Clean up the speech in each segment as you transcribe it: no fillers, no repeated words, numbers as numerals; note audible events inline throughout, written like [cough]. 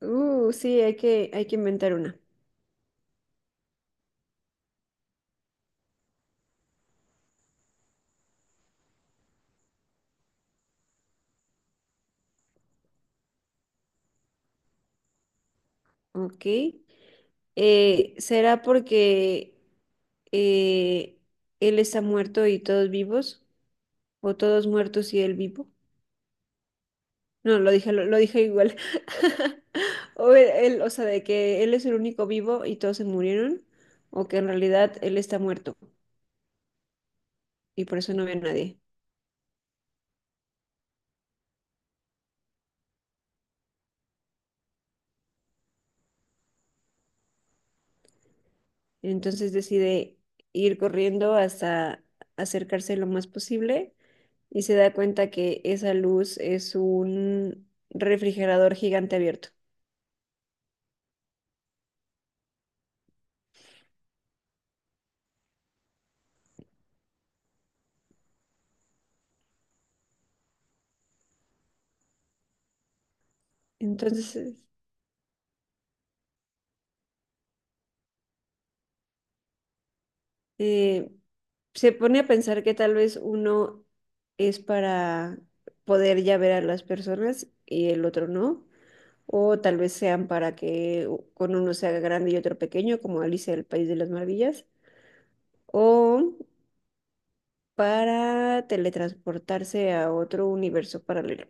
Sí, hay que inventar una. Ok. ¿Será porque eh, él está muerto y todos vivos? ¿O todos muertos y él vivo? No, lo dije, lo dije igual. [laughs] O él, o sea, de que él es el único vivo y todos se murieron. O que en realidad él está muerto y por eso no ve a nadie. Entonces decide ir corriendo hasta acercarse lo más posible y se da cuenta que esa luz es un refrigerador gigante abierto. Entonces, eh, se pone a pensar que tal vez uno es para poder ya ver a las personas y el otro no, o tal vez sean para que con uno se haga grande y otro pequeño, como Alicia del País de las Maravillas, o para teletransportarse a otro universo paralelo.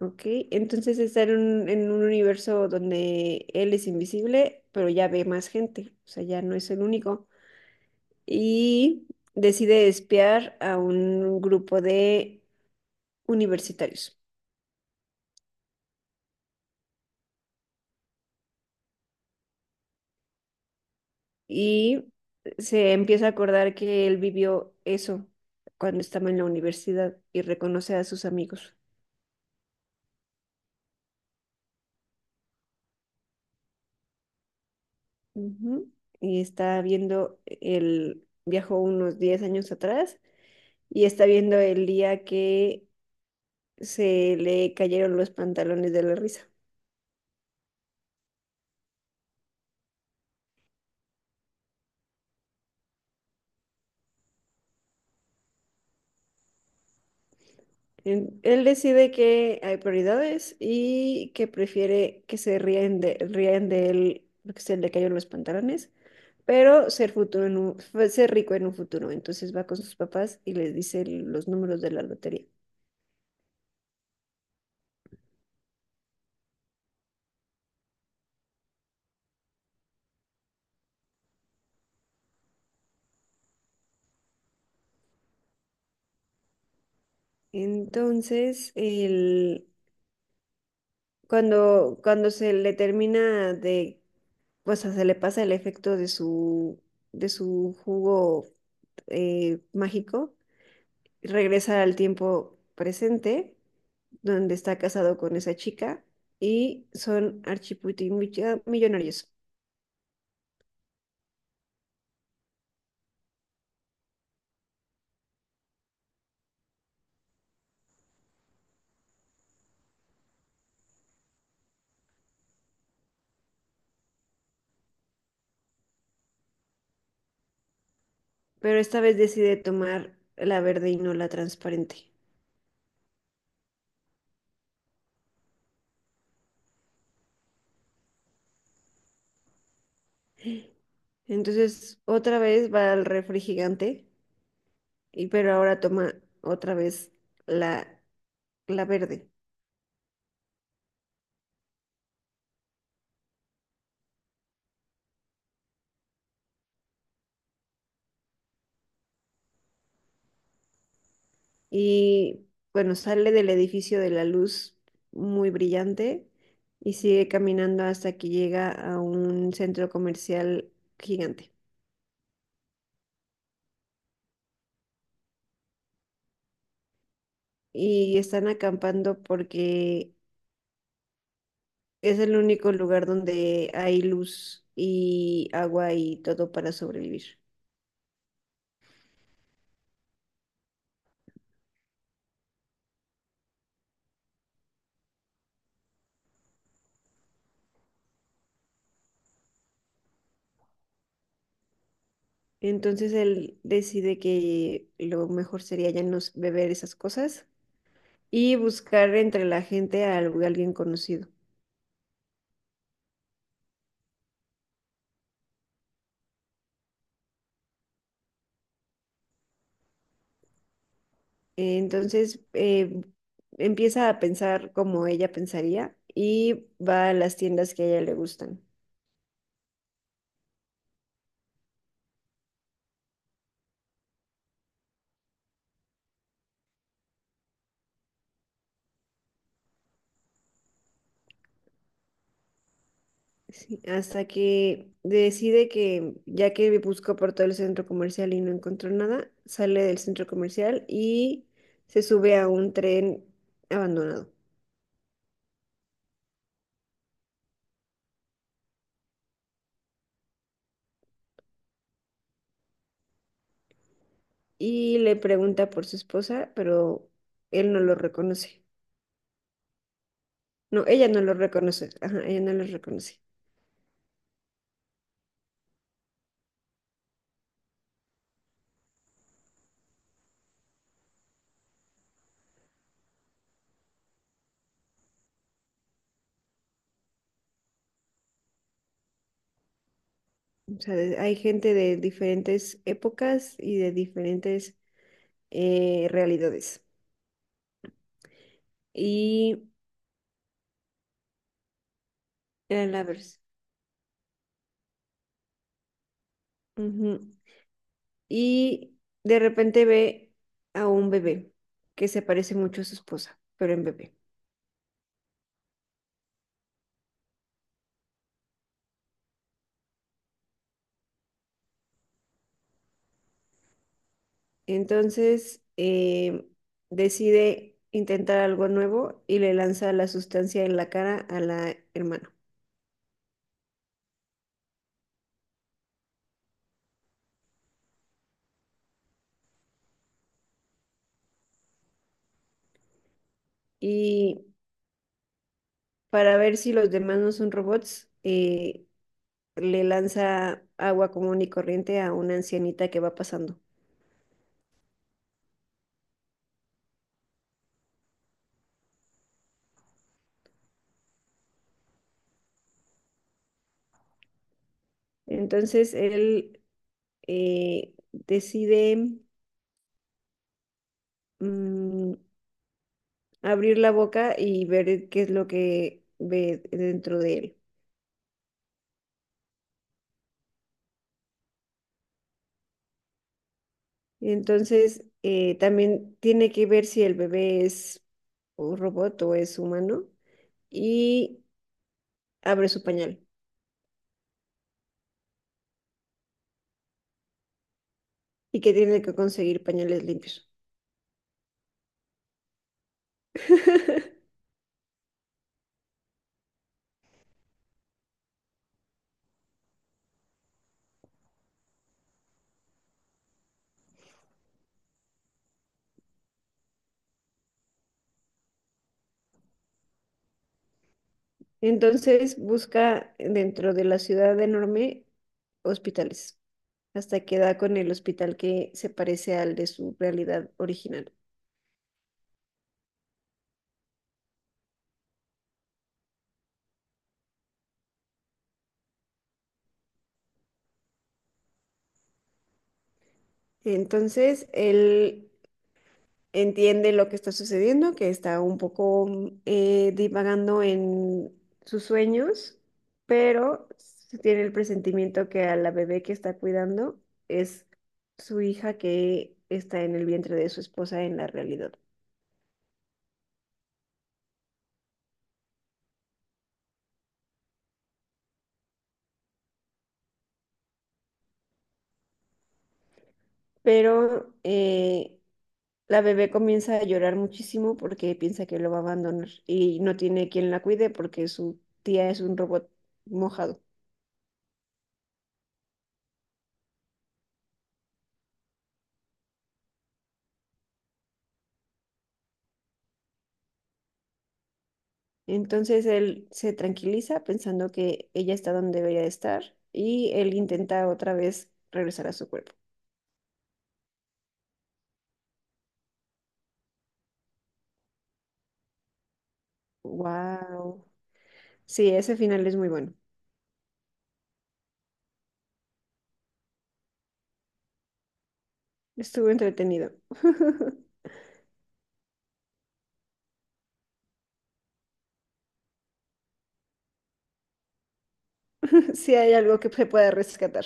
Ok, entonces está en un universo donde él es invisible, pero ya ve más gente, o sea, ya no es el único. Y decide espiar a un grupo de universitarios. Y se empieza a acordar que él vivió eso cuando estaba en la universidad y reconoce a sus amigos. Ujú. Y está viendo viajó unos 10 años atrás y está viendo el día que se le cayeron los pantalones de la risa. Él decide que hay prioridades y que prefiere que rían de él porque se le cayeron los pantalones, pero ser rico en un futuro. Entonces va con sus papás y les dice los números de la lotería. Entonces, cuando se le pues se le pasa el efecto de de su jugo mágico, regresa al tiempo presente, donde está casado con esa chica, y son millonarios. Pero esta vez decide tomar la verde y no la transparente. Entonces, otra vez va al refri gigante, y, pero ahora toma otra vez la, la verde. Y bueno, sale del edificio de la luz muy brillante y sigue caminando hasta que llega a un centro comercial gigante. Y están acampando porque es el único lugar donde hay luz y agua y todo para sobrevivir. Entonces él decide que lo mejor sería ya no beber esas cosas y buscar entre la gente a alguien conocido. Entonces empieza a pensar como ella pensaría y va a las tiendas que a ella le gustan. Sí, hasta que decide que ya que buscó por todo el centro comercial y no encontró nada, sale del centro comercial y se sube a un tren abandonado. Y le pregunta por su esposa, pero él no lo reconoce. No, ella no lo reconoce. Ajá, ella no lo reconoce. O sea, hay gente de diferentes épocas y de diferentes realidades. Y a la vez. Y de repente ve a un bebé que se parece mucho a su esposa, pero en bebé. Entonces decide intentar algo nuevo y le lanza la sustancia en la cara a la hermana. Y para ver si los demás no son robots, le lanza agua común y corriente a una ancianita que va pasando. Entonces él decide mm, abrir la boca y ver qué es lo que ve dentro de él. Entonces, también tiene que ver si el bebé es un robot o es humano y abre su pañal y que tiene que conseguir pañales limpios. [laughs] Entonces, busca dentro de la ciudad enorme hospitales hasta que da con el hospital que se parece al de su realidad original. Entonces, él entiende lo que está sucediendo, que está un poco divagando en sus sueños, pero se tiene el presentimiento que a la bebé que está cuidando es su hija que está en el vientre de su esposa en la realidad. Pero la bebé comienza a llorar muchísimo porque piensa que lo va a abandonar y no tiene quien la cuide porque su tía es un robot mojado. Entonces él se tranquiliza pensando que ella está donde debería de estar y él intenta otra vez regresar a su cuerpo. Wow. Sí, ese final es muy bueno. Estuvo entretenido. [laughs] Si hay algo que se pueda rescatar.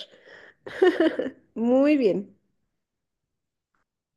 [laughs] Muy bien.